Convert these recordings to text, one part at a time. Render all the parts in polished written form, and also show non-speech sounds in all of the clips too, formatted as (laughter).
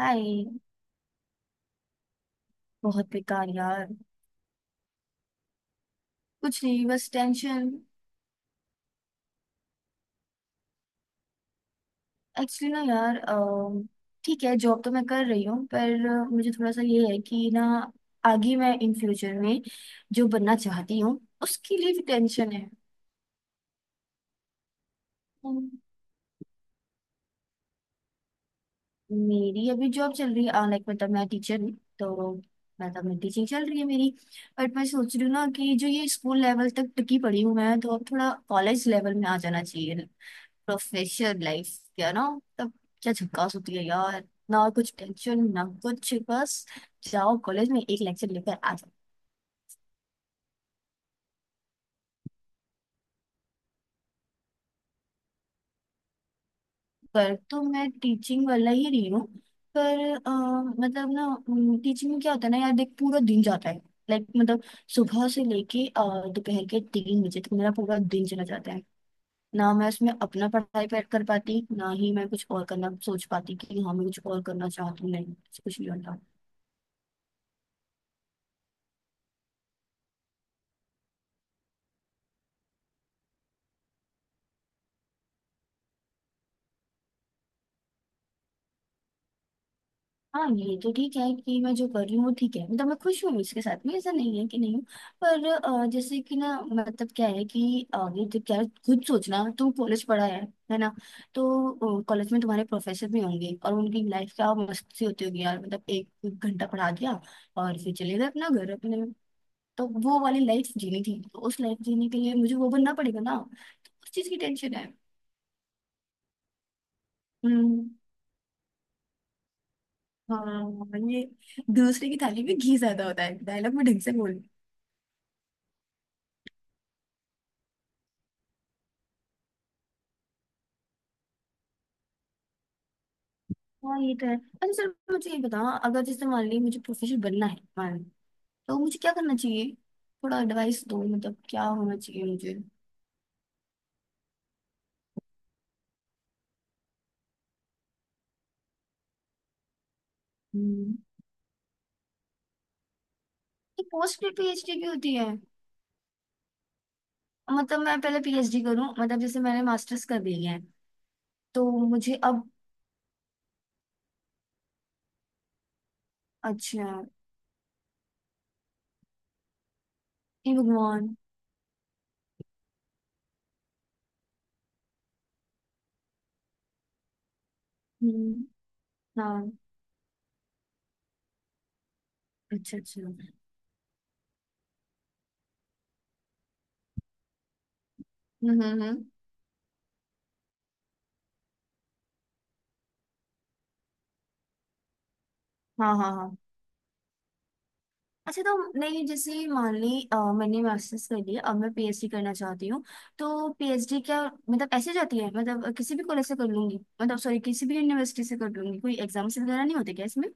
हाय। बहुत बेकार यार। कुछ नहीं बस टेंशन। एक्चुअली ना यार, ठीक है जॉब तो मैं कर रही हूँ, पर मुझे थोड़ा सा ये है कि ना आगे मैं इन फ्यूचर में जो बनना चाहती हूँ उसके लिए भी टेंशन है। हम्म, मेरी अभी जॉब चल रही है, लाइक मतलब मैं टीचर हूँ। तो मतलब मैं टीचिंग चल रही है मेरी। बट मैं सोच रही हूँ ना कि जो ये स्कूल लेवल तक टिकी पड़ी हूँ मैं, तो अब थोड़ा कॉलेज लेवल में आ जाना चाहिए। प्रोफेशनल लाइफ, क्या ना, तब क्या झकास होती है यार। ना कुछ टेंशन ना कुछ, बस जाओ कॉलेज में एक लेक्चर लेकर आ जाओ। पर तो मैं टीचिंग वाला ही रही हूँ। पर अ, मतलब ना, टीचिंग में क्या होता है ना यार, देख पूरा दिन जाता है। लाइक मतलब सुबह से लेके दोपहर के 3 बजे तक मेरा पूरा दिन चला जाता है। ना मैं उसमें अपना पढ़ाई पर कर पाती, ना ही मैं कुछ और करना सोच पाती कि हाँ मैं कुछ और करना चाहती हूँ, नहीं कुछ नहीं होता। हाँ ये तो ठीक है कि मैं जो कर रही हूँ वो ठीक है, मतलब मैं खुश हूँ इसके साथ में, ऐसा नहीं है कि नहीं हूँ। पर जैसे कि ना, मतलब क्या है कि आगे, जब क्या है, खुद सोचना तुम कॉलेज पढ़ा है ना। तो कॉलेज में तुम्हारे प्रोफेसर भी होंगे और उनकी लाइफ क्या मस्ती होती होगी यार, मतलब एक एक घंटा पढ़ा दिया और फिर चले गए अपना घर अपने। तो वो वाली लाइफ जीनी थी, तो उस लाइफ जीने के लिए मुझे वो बनना पड़ेगा ना, तो उस चीज की टेंशन है। हम्म। हाँ ये दूसरे की थाली में घी ज्यादा होता है, डायलॉग में ढंग से बोल। हाँ ये तो है। अच्छा सर मुझे ये बताओ, अगर जैसे मान ली मुझे प्रोफेसर बनना है, मान ली, तो मुझे क्या करना चाहिए। थोड़ा एडवाइस दो, मतलब क्या होना चाहिए मुझे। हम्म। ये पोस्ट में पीएचडी की होती है? मतलब मैं पहले पीएचडी करूं, मतलब जैसे मैंने मास्टर्स कर लिया है, तो मुझे अब। अच्छा। हे भगवान। हम्म। हाँ। अच्छा अच्छा। हम्म। हम्म, हम्म। हाँ हाँ हाँ। अच्छा तो नहीं, जैसे मान ली, मैंने मास्टर्स कर लिया, अब मैं पीएचडी करना चाहती हूँ, तो पीएचडी क्या मतलब ऐसे जाती है, मतलब किसी भी कॉलेज से कर लूंगी, मतलब सॉरी किसी भी यूनिवर्सिटी से कर लूंगी, कोई एग्जाम्स वगैरह नहीं होते क्या इसमें।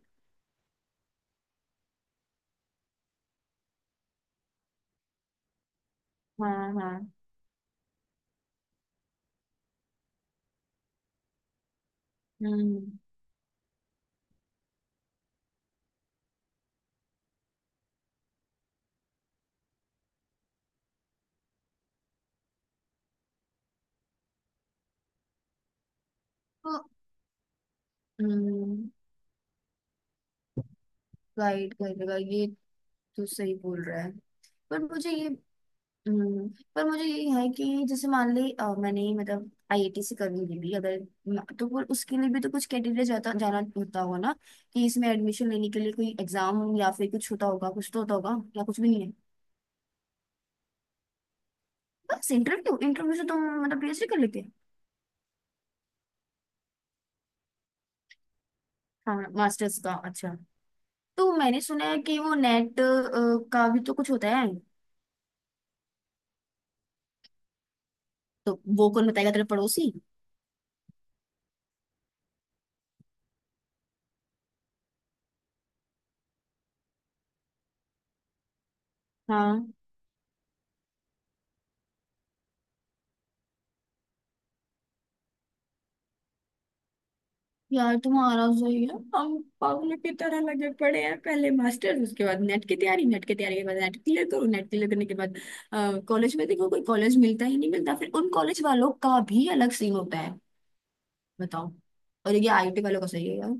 हाँ हाँ। हम्म। तो। हम्म। गाइड करेगा ये। तो सही बोल रहा है। पर मुझे ये। हम्म, पर मुझे ये है कि जैसे मान ली, मैंने मतलब आईआईटी से कर ली भी अगर, तो फिर उसके लिए भी तो कुछ कैटेगरी जाता जाना होता होगा ना, कि इसमें एडमिशन लेने के लिए कोई एग्जाम या फिर कुछ होता होगा, कुछ तो होता होगा, या कुछ भी नहीं है। बस इंटरव्यू। इंटरव्यू से तुम मतलब पीएचडी कर लेते। हाँ मास्टर्स का, अच्छा। तो मैंने सुना है कि वो नेट का भी तो कुछ होता है। तो वो कौन बताएगा, तेरे पड़ोसी। हाँ यार तुम्हारा सही है, हम पागलों की तरह लगे पड़े हैं, पहले मास्टर्स, उसके बाद नेट की तैयारी, नेट की तैयारी के बाद नेट क्लियर करो, नेट क्लियर करने के बाद कॉलेज में देखो, कोई कॉलेज मिलता ही नहीं मिलता, फिर उन कॉलेज वालों का भी अलग सीन होता है, बताओ। और ये आईटी वालों का सही है यार।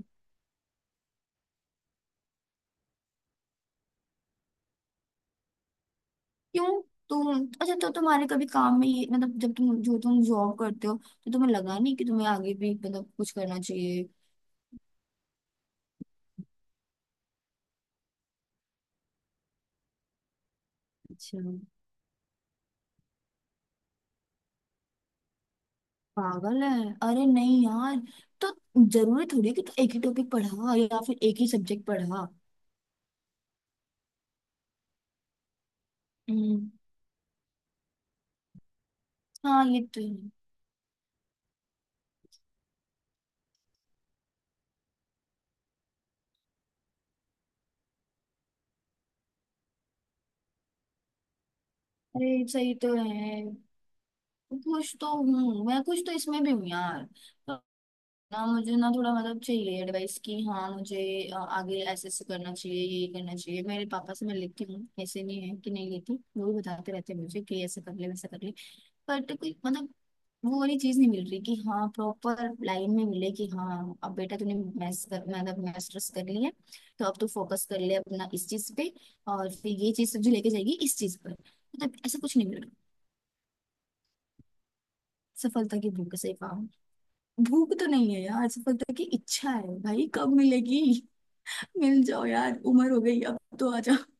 क्यों। तुम, अच्छा, तो तुम्हारे कभी काम में ये मतलब, जब तुम, जो तुम जॉब करते हो, तो तुम्हें लगा नहीं कि तुम्हें आगे भी मतलब कुछ करना चाहिए। अच्छा। पागल है। अरे नहीं यार। तो जरूरी थोड़ी है कि तू एक ही टॉपिक पढ़ा या फिर एक ही सब्जेक्ट पढ़ा। हम्म। हाँ ये तो है। अरे सही तो है। कुछ तो हूँ मैं, कुछ तो इसमें भी हूँ यार। तो ना मुझे ना थोड़ा मतलब चाहिए एडवाइस की, हाँ मुझे, आगे ऐसे ऐसे करना चाहिए, ये करना चाहिए, मेरे पापा से मैं लेती हूँ, ऐसे नहीं है कि नहीं लेती, वो भी बताते रहते हैं मुझे कि ऐसा कर ले वैसा कर ले, बट कोई मतलब वो वाली चीज नहीं मिल रही कि हाँ प्रॉपर लाइन में मिले कि हाँ अब बेटा तूने मैथ्स कर, मतलब मास्टर्स कर लिया, तो अब तू फोकस कर ले अपना इस चीज पे, और फिर ये चीज तुझे लेके जाएगी इस चीज पर, मतलब ऐसा कुछ नहीं मिल रहा। सफलता की भूख से पाऊं। भूख तो नहीं है यार, सफलता की इच्छा है भाई, कब मिलेगी। (laughs) मिल जाओ यार, उम्र हो गई, अब तो आ जाओ।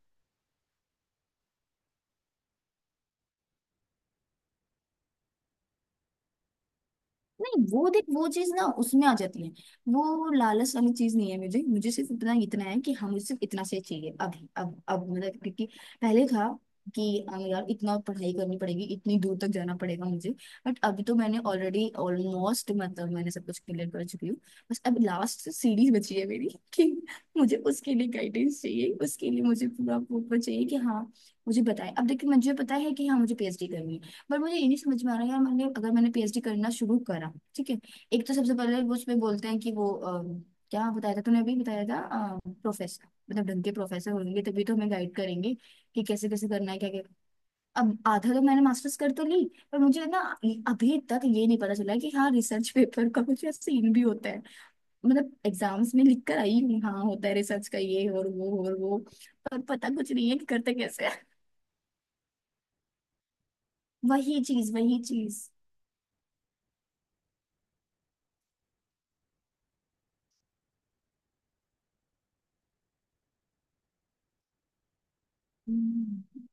नहीं, वो देख वो चीज ना उसमें आ जाती है, वो लालच वाली चीज नहीं है मुझे, मुझे सिर्फ इतना इतना है कि हाँ मुझे सिर्फ इतना से चाहिए अभी, अब मतलब क्योंकि पहले था कि हाँ यार इतना पढ़ाई करनी पड़ेगी, इतनी दूर तक जाना पड़ेगा मुझे, बट अभी तो मैंने ऑलरेडी ऑलमोस्ट मतलब मैंने सब कुछ क्लियर कर चुकी हूँ, बस अब लास्ट सीढ़ी बची है मेरी, (laughs) कि मुझे उसके लिए गाइडेंस चाहिए, उसके लिए मुझे पूरा प्रूफ चाहिए कि हाँ मुझे बताए, अब देखिए मुझे पता है कि हाँ मुझे पीएचडी करनी है, पर मुझे ये नहीं समझ में आ रहा यार, मैंने, अगर मैंने पीएचडी करना शुरू करा, ठीक है, एक तो सबसे पहले वो उसमें बोलते हैं कि वो क्या बताया था तूने अभी बताया था, प्रोफेसर मतलब ढंग के प्रोफेसर होंगे तभी तो हमें गाइड करेंगे, कि कैसे कैसे करना है, क्या क्या। अब आधा तो मैंने मास्टर्स कर तो ली, पर मुझे ना अभी तक ये नहीं पता चला कि हाँ रिसर्च पेपर का कुछ सीन भी होता है, मतलब एग्जाम्स में लिख कर आई हूँ हाँ होता है रिसर्च का, ये और वो और वो, पर पता कुछ नहीं है कि करते कैसे है। वही चीज वही चीज। हम्म।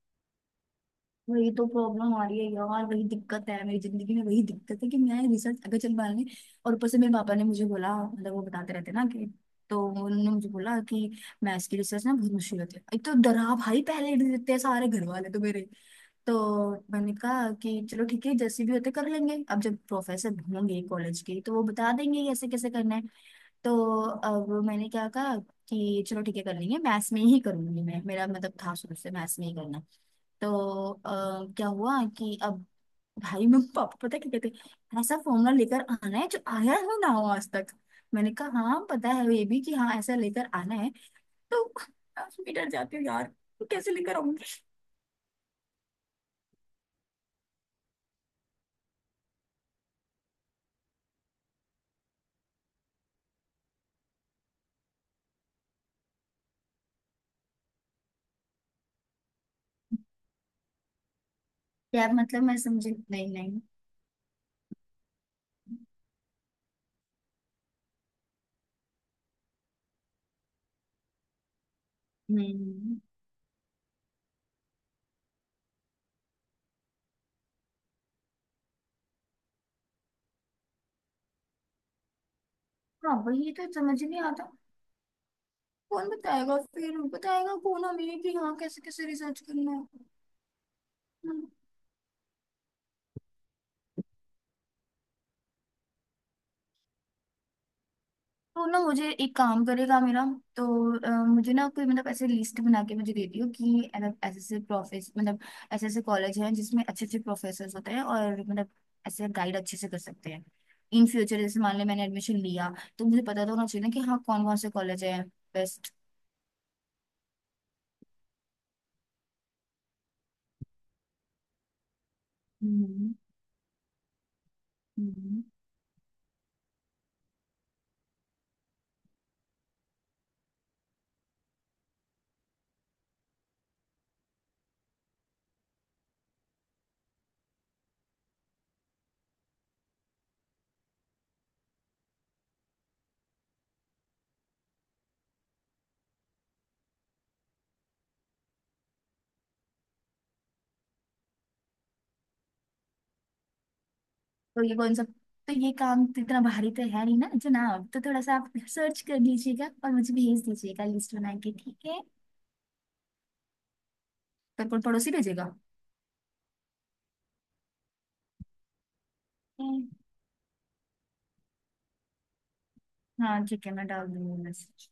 वही तो प्रॉब्लम आ रही है यार, वही दिक्कत है मेरी जिंदगी में, वही दिक्कत है कि मैं रिसर्च अगर चल पाएंगे, और ऊपर से मेरे पापा ने मुझे बोला, मतलब वो बताते रहते ना, कि तो उन्होंने मुझे बोला कि मैथ्स की रिसर्च ना बहुत मुश्किल होती है, एक तो डरा भाई पहले ही देते हैं सारे घर वाले तो मेरे, तो मैंने कहा कि चलो ठीक है जैसे भी होते कर लेंगे, अब जब प्रोफेसर होंगे कॉलेज के तो वो बता देंगे ये ऐसे कैसे करना है, तो अब मैंने क्या कहा कि चलो ठीक है कर लेंगे मैथ्स में ही करूंगी मैं, मेरा मतलब था शुरू से मैथ्स में ही करना, तो क्या हुआ कि अब भाई में पापा पता क्या कहते, ऐसा फॉर्मूला लेकर आना है जो आया ही ना हो आज तक, मैंने कहा हाँ पता है ये भी कि हाँ ऐसा लेकर आना है, तो मैं डर जाती हूँ यार, कैसे लेकर आऊंगी। यार मतलब मैं समझी नहीं, नहीं। हम्म। हाँ वही तो समझ नहीं आता, कौन बताएगा, फिर बताएगा कौन हमें कि हाँ कैसे कैसे रिसर्च करना है, तो ना मुझे एक काम करेगा मेरा, तो मुझे ना कोई मतलब ऐसे लिस्ट बना के मुझे दे दियो, कि मतलब ऐसे ऐसे प्रोफेस मतलब ऐसे ऐसे कॉलेज हैं जिसमें अच्छे अच्छे प्रोफेसर होते हैं, और मतलब ऐसे गाइड अच्छे से कर सकते हैं, इन फ्यूचर जैसे मान ले मैंने एडमिशन लिया, तो मुझे पता तो होना चाहिए ना कि हाँ कौन कौन से कॉलेज है बेस्ट। हम्म। हम्म। तो ये कौन सा, तो ये काम तो इतना भारी तो है नहीं ना जनाब, तो थोड़ा सा आप सर्च कर लीजिएगा और मुझे भेज दीजिएगा लिस्ट बना के, ठीक है। बिल्कुल पड़ोसी भेजेगा। हाँ ठीक है, मैं डाल दूंगी मैसेज।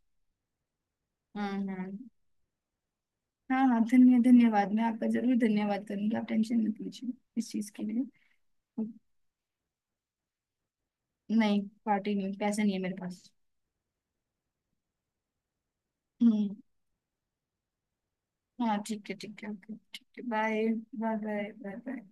हम्म। हम्म। हाँ हाँ, धन्यवाद मैं आपका जरूर धन्यवाद करूंगी, आप टेंशन मत लीजिए इस चीज के लिए। नहीं पार्टी नहीं, पैसे नहीं है मेरे पास। हम्म। हाँ ठीक है, ठीक है, ओके, ठीक है, बाय। Bye bye. बाय।